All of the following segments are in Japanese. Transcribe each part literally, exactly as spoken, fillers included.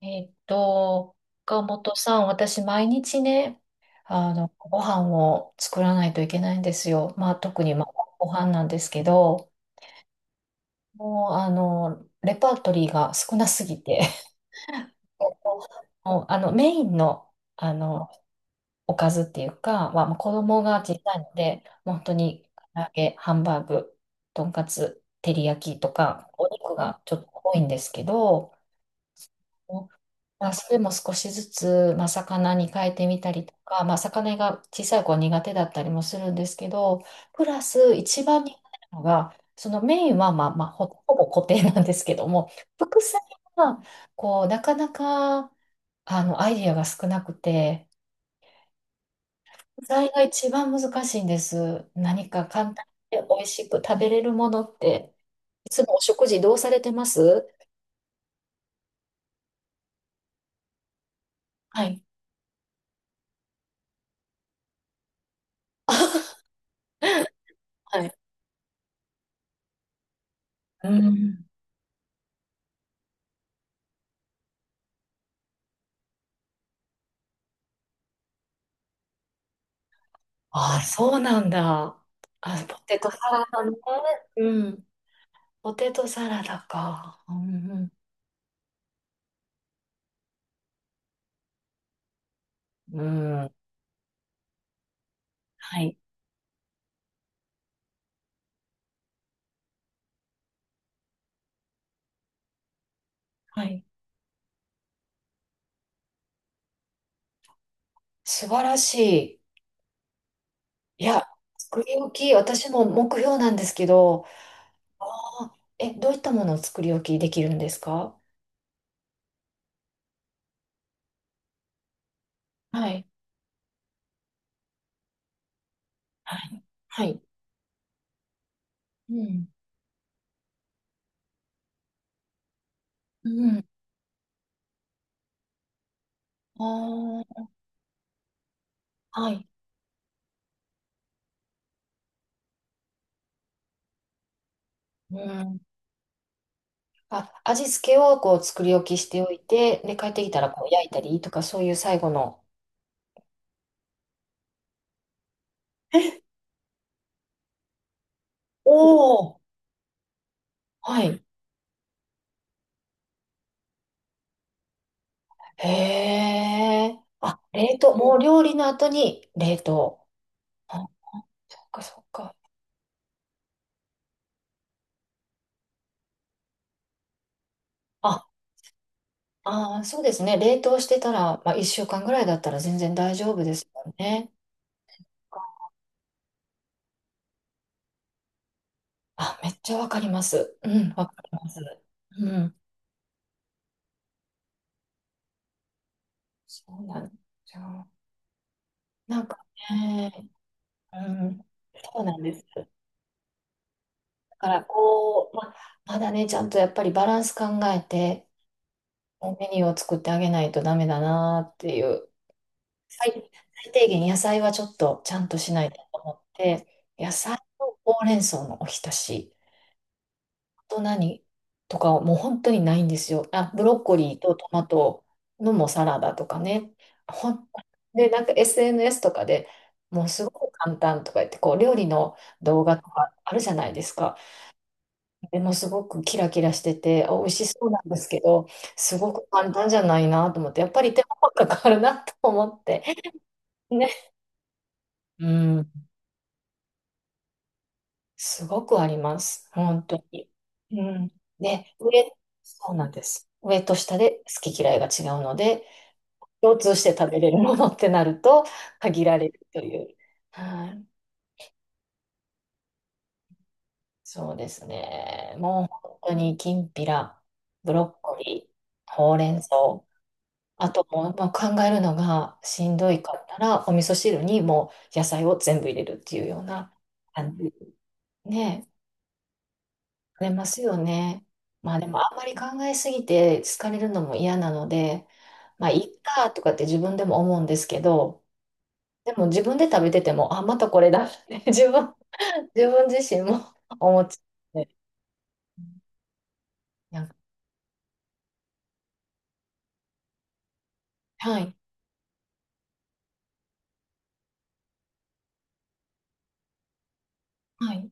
えっと、岡本さん、私、毎日ね、あの、ご飯を作らないといけないんですよ。まあ、特に、まあ、ご飯なんですけど、もう、あの、レパートリーが少なすぎて、もう、あの、メインの、あの、おかずっていうか、まあ、もう子供が小さいので、もう本当に、唐揚げ、ハンバーグ、とんかつ、照り焼きとか、お肉がちょっと多いんですけど、まあ、それも少しずつ、まあ、魚に変えてみたりとか、まあ、魚が小さい子は苦手だったりもするんですけど、プラス一番苦手なのが、そのメインは、まあまあ、ほ、ほぼ固定なんですけども、副菜は、こう、なかなか、あの、アイディアが少なくて、副菜が一番難しいんです。何か簡単で美味しく食べれるものって、いつもお食事どうされてます？はい。はい。うん。ああ、そうなんだ。あ、ポテトサラダね。うん。ポテトサラダか。うんうん。うん。はい。はい。素晴らしい。いや、作り置き、私も目標なんですけど、あ、え、どういったものを作り置きできるんですか？はい。はい。はい。うん。うん。ああ、はい。うん。あ、味付けをこう作り置きしておいて、で、帰ってきたらこう焼いたりとか、そういう最後の。おお、はい。へえ。あ、冷凍。もう料理の後に冷凍。あ、そっかそっか。あ、あー、そうですね。冷凍してたら、まあ、いっしゅうかんぐらいだったら全然大丈夫ですよね。あ、めっちゃわかります。うん、わかります。うん。そうなんですよ。なんかね、うん、そうなんです。だから、こう、ま、まだね、ちゃんとやっぱりバランス考えて、メニューを作ってあげないとダメだなっていう。最最低限野菜はちょっとちゃんとしないと思って、野菜とほうれん草のおひたし、あと何とかもう本当にないんですよ。あ、ブロッコリーとトマトのもサラダとかね。ほんで、なんか エスエヌエス とかでもうすごく簡単とか言って、こう料理の動画とかあるじゃないですか。でもすごくキラキラしてて、あ美味しそうなんですけど、すごく簡単じゃないなと思って、やっぱり手間がかかるなと思って。ね。うん、すごくあります。本当に。うん。ね、上、そうなんです。上と下で好き嫌いが違うので、共通して食べれるものってなると限られるという。はい。そうですね。もう本当にきんぴら、ブロッコリー、ほうれん草。あともう、まあ、考えるのがしんどいかったら、お味噌汁にもう野菜を全部入れるっていうような感じ。ね、疲れますよね。まあでもあんまり考えすぎて疲れるのも嫌なので、まあいっかとかって自分でも思うんですけど、でも自分で食べてても、あ、またこれだって 自分、自分自身も 思っちゃって。なんか、はい、はい。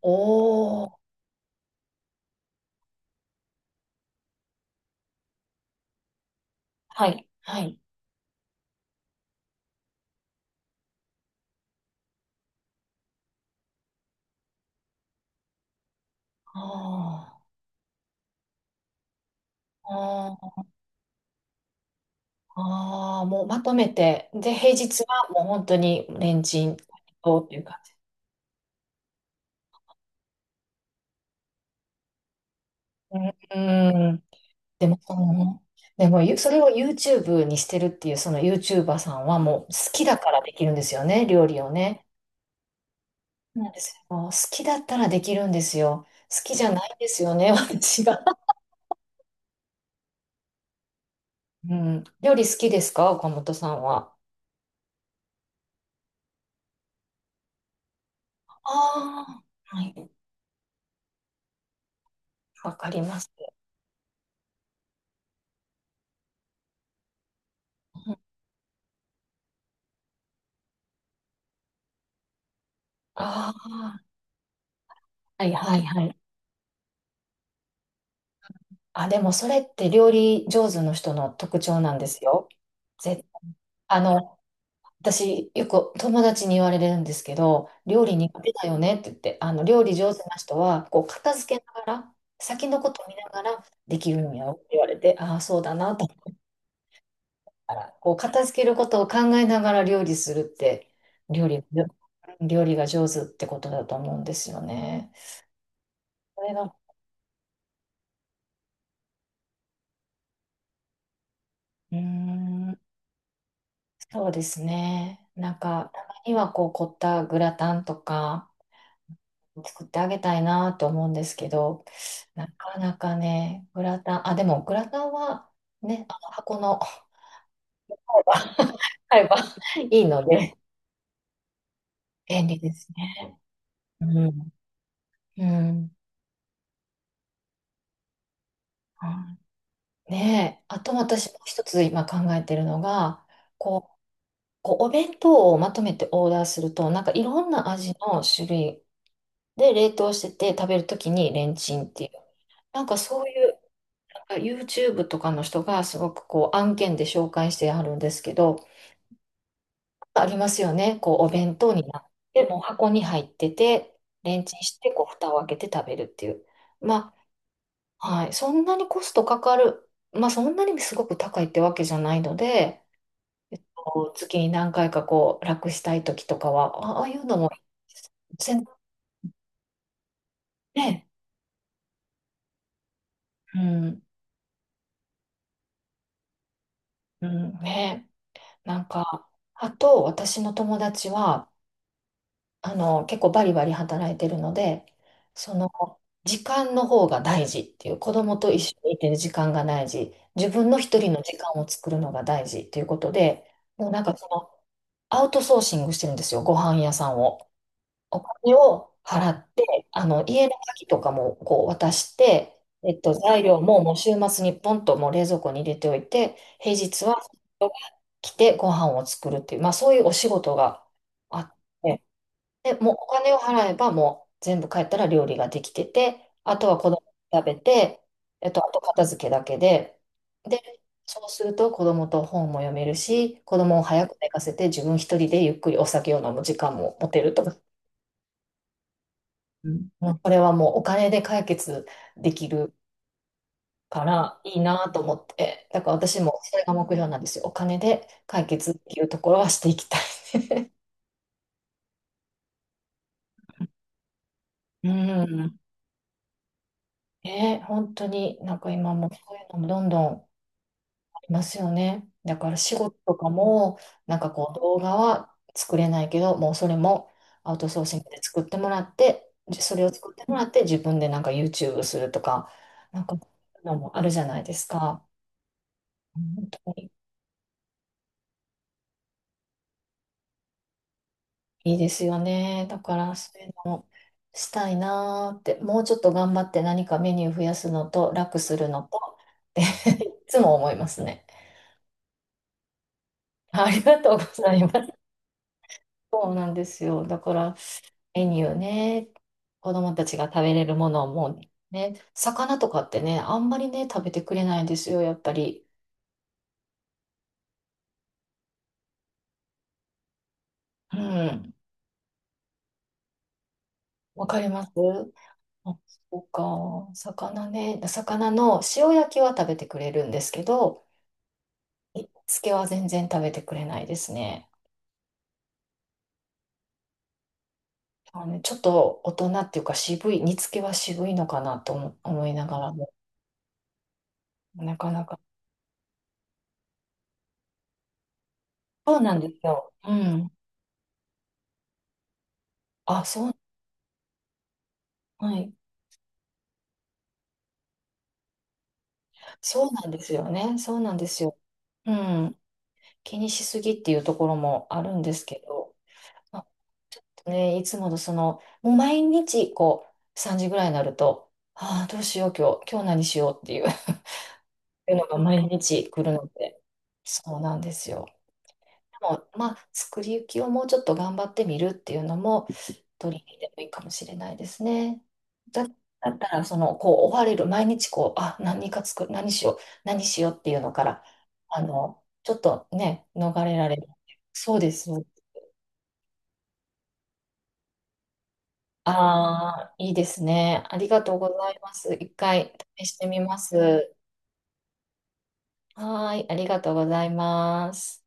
おー、はい、はい。あーあー、あーもうまとめて、で、平日はもう本当にレンチンとっていう感じ。うん、うん、でも、そのでも、ゆそれを YouTube にしてるっていう、その YouTuber さんはもう好きだからできるんですよね、料理をね。そうなんですよ。好きだったらできるんですよ。好きじゃないんですよね、私が。うん。料理好きですか、岡本さんは？ああ、はい。わかります。ああー、はいはいはい。あ、でもそれって料理上手の人の特徴なんですよ。ぜ、あの、私、よく友達に言われるんですけど、料理苦手だよねって言って、あの料理上手な人は、こう片付けながら、先のことを見ながらできるんやろって言われて、ああ、そうだなと思ったら、こう片付けることを考えながら料理するって、料理、料理が上手ってことだと思うんですよね。それが、うーん、そうですね。なんか、たまにはこう凝ったグラタンとか、作ってあげたいなと思うんですけど、なかなかね、グラタン、あ、でもグラタンはね、あの箱の 買えばいいので、便利ですね。うん。うん。ねえ、あと私もう一つ今考えてるのが、こう、こうお弁当をまとめてオーダーすると、なんかいろんな味の種類で冷凍してて食べるときにレンチンっていう、なんかそういう、なんか YouTube とかの人がすごくこう案件で紹介してあるんですけど、ありますよね。こう、お弁当になって、もう箱に入ってて、レンチンして、こう、蓋を開けて食べるっていう。まあ、はい。そんなにコストかかる。まあ、そんなにすごく高いってわけじゃないので、こう月に何回かこう、楽したい時とかは、あああいうのも、全ね、うん、うん、ね。なんか、あと、私の友達は、あの、結構バリバリ働いてるので、その、時間の方が大事っていう、子供と一緒にいてる時間が大事、自分の一人の時間を作るのが大事っていうことで、もうなんかその、アウトソーシングしてるんですよ、ご飯屋さんを。お金を払って、あの、家の鍵とかもこう渡して、えっと、材料ももう週末にポンともう冷蔵庫に入れておいて、平日は来てご飯を作るっていう、まあそういうお仕事があって、で、もうお金を払えば、もう全部帰ったら料理ができてて、あとは子供が食べて、えっと、あと片付けだけで、で、そうすると子供と本も読めるし、子供を早く寝かせて自分一人でゆっくりお酒を飲む時間も持てるとか、うん。もうこれはもうお金で解決できるからいいなと思って、だから私もそれが目標なんですよ。お金で解決っていうところはしていきたい。うん。ね、本当になんか今もそういうのもどんどんいますよね。だから仕事とかも、なんかこう動画は作れないけど、もうそれもアウトソーシングで作ってもらって、じそれを作ってもらって自分でなんか YouTube するとか、なんかそういうのもあるじゃないですか。本当にいいですよね。だからそういうのをしたいなーって、もうちょっと頑張って何かメニュー増やすのと楽するのと、って いつも思いますね。ありがとうございます。そうなんですよ。だからメニューね、子供たちが食べれるものをもうね、魚とかってね、あんまりね、食べてくれないんですよ、やっぱり。うん。わかります。あ、そうか。魚ね、魚の塩焼きは食べてくれるんですけど、煮付けは全然食べてくれないですね。あのね、ちょっと大人っていうか渋い、煮付けは渋いのかなと思思いながらも、なかなか。そうなんですよ。うん。あ、そう、はい。そうなんですよね。そうなんですよ。うん。気にしすぎっていうところもあるんですけど、まあ、ちょっとね、いつものその、もう毎日こう、さんじぐらいになると、ああ、どうしよう、今日、今日何しようっていう っていうのが毎日来るので、そうなんですよ。でも、まあ、作り置きをもうちょっと頑張ってみるっていうのも、取り入れてもいいかもしれないですね。だったら、その、こう、追われる、毎日こう、あ、何か作る、何しよう、何しようっていうのから、あの、ちょっとね、逃れられる。そうです。ああ、いいですね。ありがとうございます。一回試してみます。はーい、ありがとうございます。